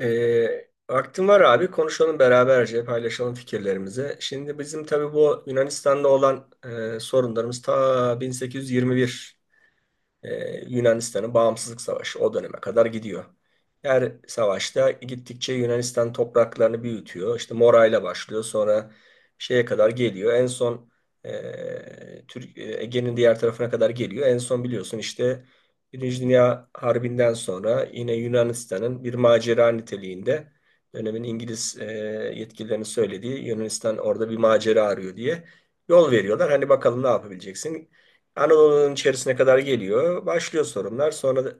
Vaktim var abi. Konuşalım beraberce, paylaşalım fikirlerimizi. Şimdi bizim tabii bu Yunanistan'da olan sorunlarımız ta 1821 Yunanistan'ın bağımsızlık savaşı o döneme kadar gidiyor. Her savaşta gittikçe Yunanistan topraklarını büyütüyor. İşte Morayla başlıyor, sonra şeye kadar geliyor. En son Ege'nin diğer tarafına kadar geliyor. En son biliyorsun işte Birinci Dünya Harbi'nden sonra yine Yunanistan'ın bir macera niteliğinde, dönemin İngiliz yetkililerinin söylediği, Yunanistan orada bir macera arıyor diye yol veriyorlar. Hani bakalım ne yapabileceksin? Anadolu'nun içerisine kadar geliyor. Başlıyor sorunlar. Sonra da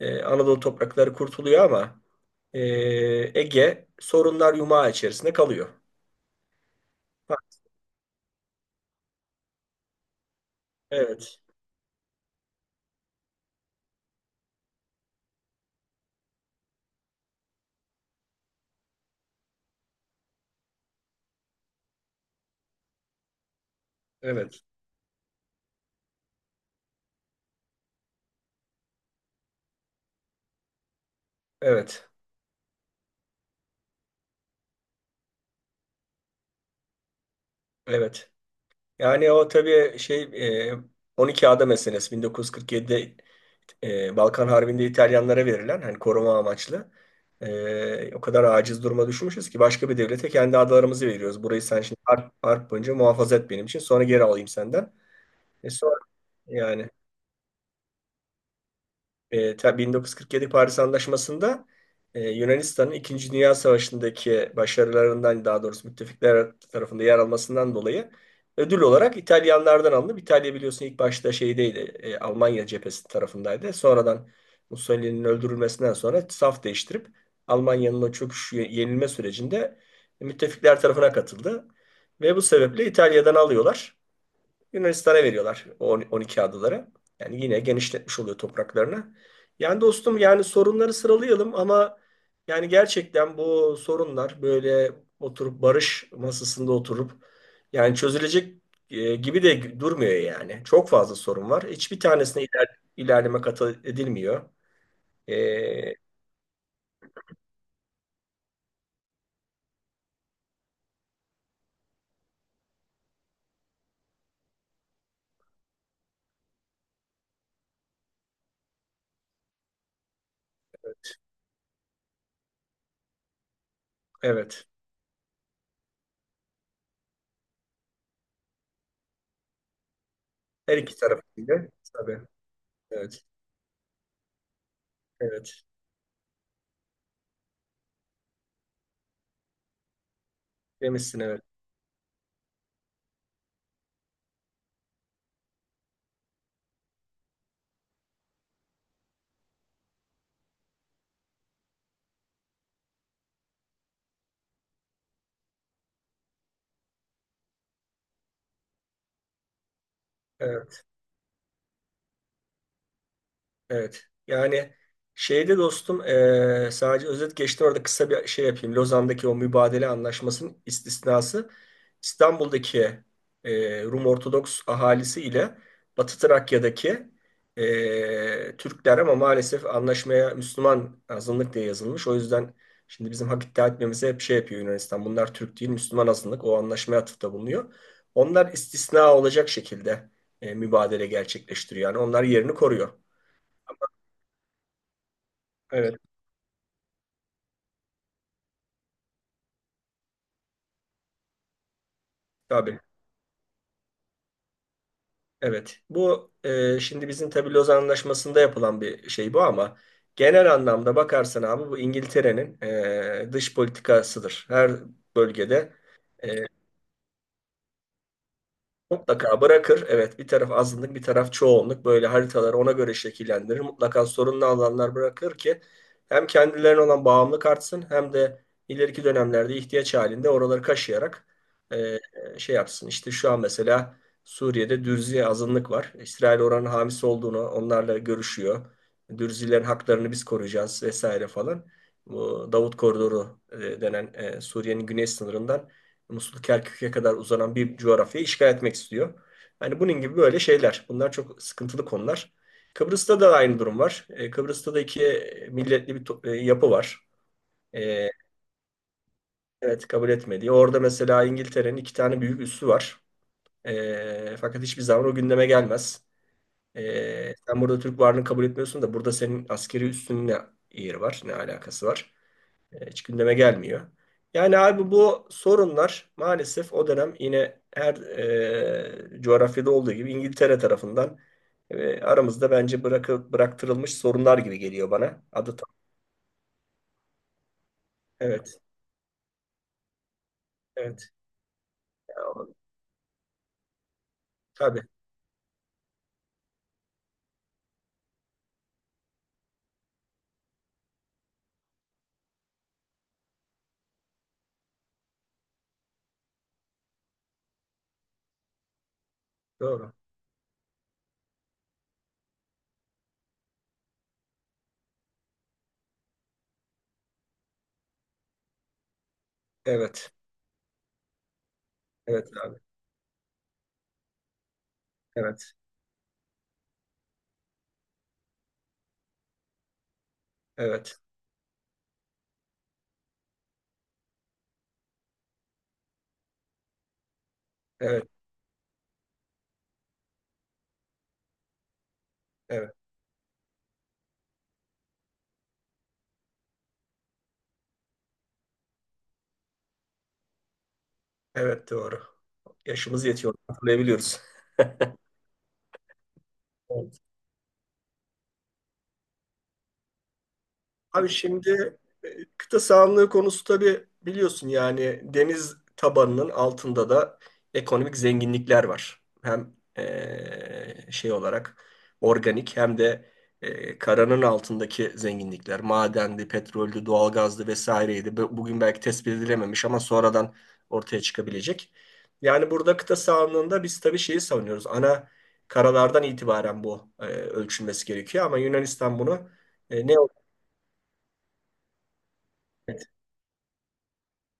Anadolu toprakları kurtuluyor ama e, Ege sorunlar yumağı içerisinde kalıyor. Ha, evet, evet, evet, evet. Yani o tabii şey, e, 12 ada meselesi 1947'de Balkan Harbi'nde İtalyanlara verilen, hani koruma amaçlı, o kadar aciz duruma düşmüşüz ki başka bir devlete kendi adalarımızı veriyoruz. Burayı sen şimdi harp boyunca muhafaza et benim için, sonra geri alayım senden. E sonra yani E, ta- 1947 Paris Anlaşması'nda Yunanistan'ın İkinci Dünya Savaşı'ndaki başarılarından, daha doğrusu müttefikler tarafında yer almasından dolayı ödül olarak İtalyanlardan alınıp, İtalya biliyorsun ilk başta şeydeydi, Almanya cephesi tarafındaydı. Sonradan Mussolini'nin öldürülmesinden sonra saf değiştirip Almanya'nın o çöküş yenilme sürecinde müttefikler tarafına katıldı. Ve bu sebeple İtalya'dan alıyorlar. Yunanistan'a veriyorlar o 12 adaları. Yani yine genişletmiş oluyor topraklarını. Yani dostum, yani sorunları sıralayalım ama yani gerçekten bu sorunlar böyle, oturup barış masasında oturup yani çözülecek gibi de durmuyor yani. Çok fazla sorun var. Hiçbir tanesine ilerleme kat edilmiyor. E, evet. Her iki tarafında. Tabii. Evet. Evet. Demişsin evet. Evet. Evet. Yani şeyde dostum, sadece özet geçtim orada, kısa bir şey yapayım. Lozan'daki o mübadele anlaşmasının istisnası İstanbul'daki Rum Ortodoks ahalisi ile Batı Trakya'daki Türkler, ama maalesef anlaşmaya Müslüman azınlık diye yazılmış. O yüzden şimdi bizim hak iddia etmemize hep şey yapıyor Yunanistan. Bunlar Türk değil, Müslüman azınlık. O anlaşmaya atıfta bulunuyor. Onlar istisna olacak şekilde mübadele gerçekleştiriyor. Yani onlar yerini koruyor. Evet, tabii. Evet. Bu şimdi bizim tabii Lozan Anlaşması'nda yapılan bir şey, bu ama genel anlamda bakarsan abi, bu İngiltere'nin dış politikasıdır. Her bölgede e, Mutlaka bırakır. Evet, bir taraf azınlık, bir taraf çoğunluk. Böyle haritaları ona göre şekillendirir. Mutlaka sorunlu alanlar bırakır ki hem kendilerine olan bağımlılık artsın, hem de ileriki dönemlerde ihtiyaç halinde oraları kaşıyarak e, şey yapsın. İşte şu an mesela Suriye'de Dürzi azınlık var. İsrail oranın hamisi olduğunu, onlarla görüşüyor. Dürzilerin haklarını biz koruyacağız vesaire falan. Bu Davut Koridoru denen, Suriye'nin güney sınırından Musul Kerkük'e kadar uzanan bir coğrafyayı işgal etmek istiyor. Yani bunun gibi böyle şeyler. Bunlar çok sıkıntılı konular. Kıbrıs'ta da aynı durum var. Kıbrıs'ta da iki milletli bir yapı var. E, evet, kabul etmedi. Orada mesela İngiltere'nin iki tane büyük üssü var. Fakat hiçbir zaman o gündeme gelmez. Sen burada Türk varlığını kabul etmiyorsun da burada senin askeri üssünün ne yeri var, ne alakası var? Hiç gündeme gelmiyor. Yani abi bu sorunlar maalesef, o dönem yine her coğrafyada olduğu gibi İngiltere tarafından aramızda bence bıraktırılmış sorunlar gibi geliyor bana. Adı tam. Evet, evet. Ya, tabii, doğru. Evet, evet abi. Evet, evet, evet, evet, evet, doğru. Yaşımız yetiyor, hatırlayabiliyoruz. Abi şimdi e, kıta sahanlığı konusu, tabii biliyorsun yani deniz tabanının altında da ekonomik zenginlikler var. Hem şey olarak organik, hem de karanın altındaki zenginlikler. Madendi, petroldü, doğalgazdı vesaireydi. Bugün belki tespit edilememiş ama sonradan ortaya çıkabilecek. Yani burada kıta sahanlığında biz tabii şeyi savunuyoruz. Ana karalardan itibaren bu ölçülmesi gerekiyor ama Yunanistan bunu ne.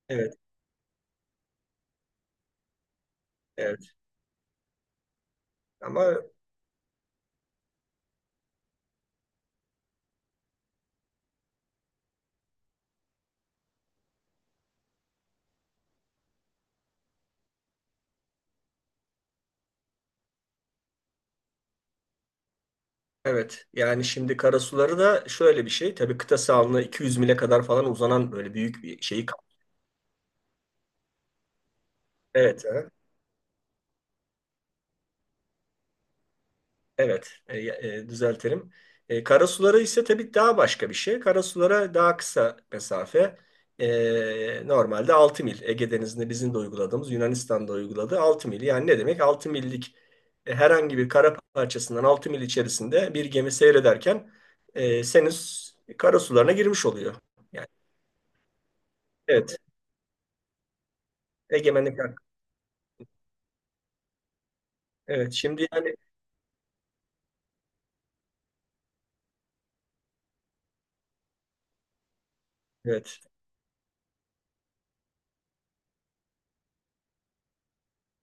Evet, evet. Ama evet, yani şimdi karasuları da şöyle bir şey. Tabii kıta sahanlığı 200 mile kadar falan uzanan böyle büyük bir şeyi Evet, evet. Evet, düzeltelim. Karasuları ise tabii daha başka bir şey. Karasulara daha kısa mesafe. Normalde 6 mil. Ege Denizi'nde bizim de uyguladığımız, Yunanistan'da uyguladığı 6 mil. Yani ne demek? 6 millik herhangi bir kara parçasından 6 mil içerisinde bir gemi seyrederken e, senin s- karasularına girmiş oluyor. Yani evet, egemenlik hakkı. Evet şimdi yani, evet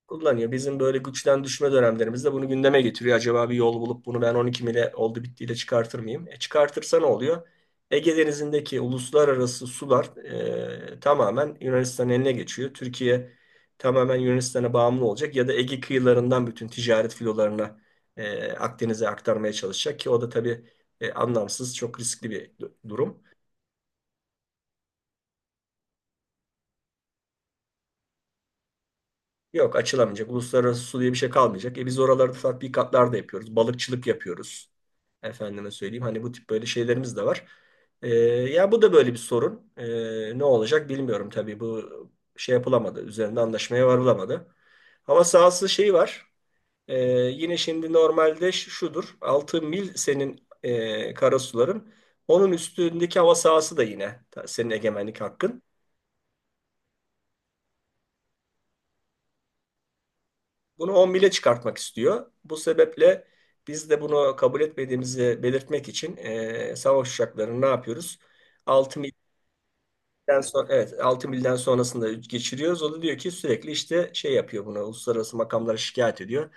kullanıyor. Bizim böyle güçten düşme dönemlerimizde bunu gündeme getiriyor. Acaba bir yol bulup bunu ben 12 mile oldu bittiyle çıkartır mıyım? Çıkartırsa ne oluyor? Ege Denizi'ndeki uluslararası sular tamamen Yunanistan'ın eline geçiyor. Türkiye tamamen Yunanistan'a bağımlı olacak, ya da Ege kıyılarından bütün ticaret filolarını Akdeniz'e aktarmaya çalışacak ki o da tabii anlamsız, çok riskli bir durum. Yok, açılamayacak. Uluslararası su diye bir şey kalmayacak. Biz oralarda tatbikatlar da yapıyoruz. Balıkçılık yapıyoruz. Efendime söyleyeyim, hani bu tip böyle şeylerimiz de var. Ya, bu da böyle bir sorun. Ne olacak bilmiyorum tabii. Bu şey yapılamadı, üzerinde anlaşmaya varılamadı. Hava sahası şeyi var. Yine şimdi normalde şudur. 6 mil senin karasuların. Onun üstündeki hava sahası da yine senin egemenlik hakkın. Bunu 10 bile çıkartmak istiyor. Bu sebeple biz de bunu kabul etmediğimizi belirtmek için savaş uçaklarını ne yapıyoruz? 6 milden sonra, evet, 6 milden sonrasında geçiriyoruz. O da diyor ki sürekli işte şey yapıyor bunu. Uluslararası makamlara şikayet ediyor.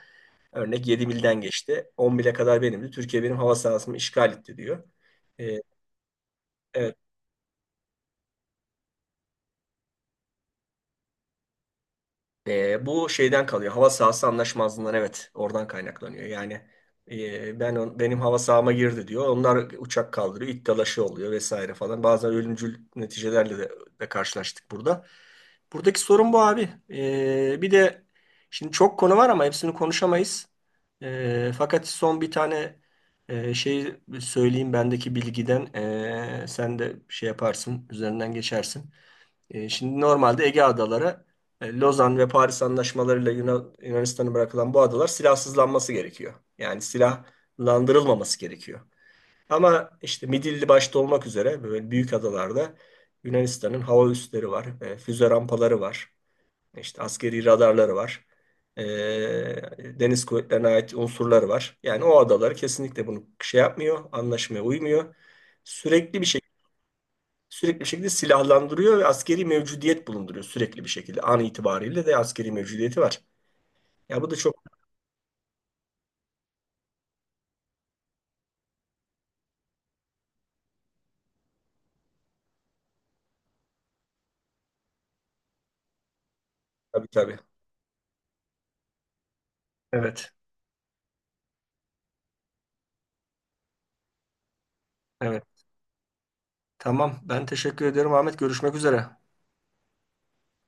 Örnek: 7 milden geçti, 10 mile kadar benimdi, Türkiye benim hava sahasımı işgal etti diyor. Eee, evet. Bu şeyden kalıyor, hava sahası anlaşmazlığından, evet, oradan kaynaklanıyor. Yani benim hava sahama girdi diyor. Onlar uçak kaldırıyor. İt dalaşı oluyor vesaire falan. Bazen ölümcül neticelerle de karşılaştık burada. Buradaki sorun bu abi. Bir de şimdi çok konu var ama hepsini konuşamayız. Fakat son bir tane şey söyleyeyim bendeki bilgiden. Sen de şey yaparsın, üzerinden geçersin. Şimdi normalde Ege Adaları Lozan ve Paris anlaşmalarıyla Yunanistan'a bırakılan bu adalar, silahsızlanması gerekiyor. Yani silahlandırılmaması gerekiyor. Ama işte Midilli başta olmak üzere böyle büyük adalarda Yunanistan'ın hava üsleri var, füze rampaları var, işte askeri radarları var, e, deniz kuvvetlerine ait unsurları var. Yani o adalar kesinlikle bunu şey yapmıyor, anlaşmaya uymuyor. Sürekli bir Sürekli şekilde silahlandırıyor ve askeri mevcudiyet bulunduruyor sürekli bir şekilde. An itibariyle de askeri mevcudiyeti var. Ya bu da çok, tabii tabii. Evet, evet. Tamam. Ben teşekkür ediyorum Ahmet. Görüşmek üzere.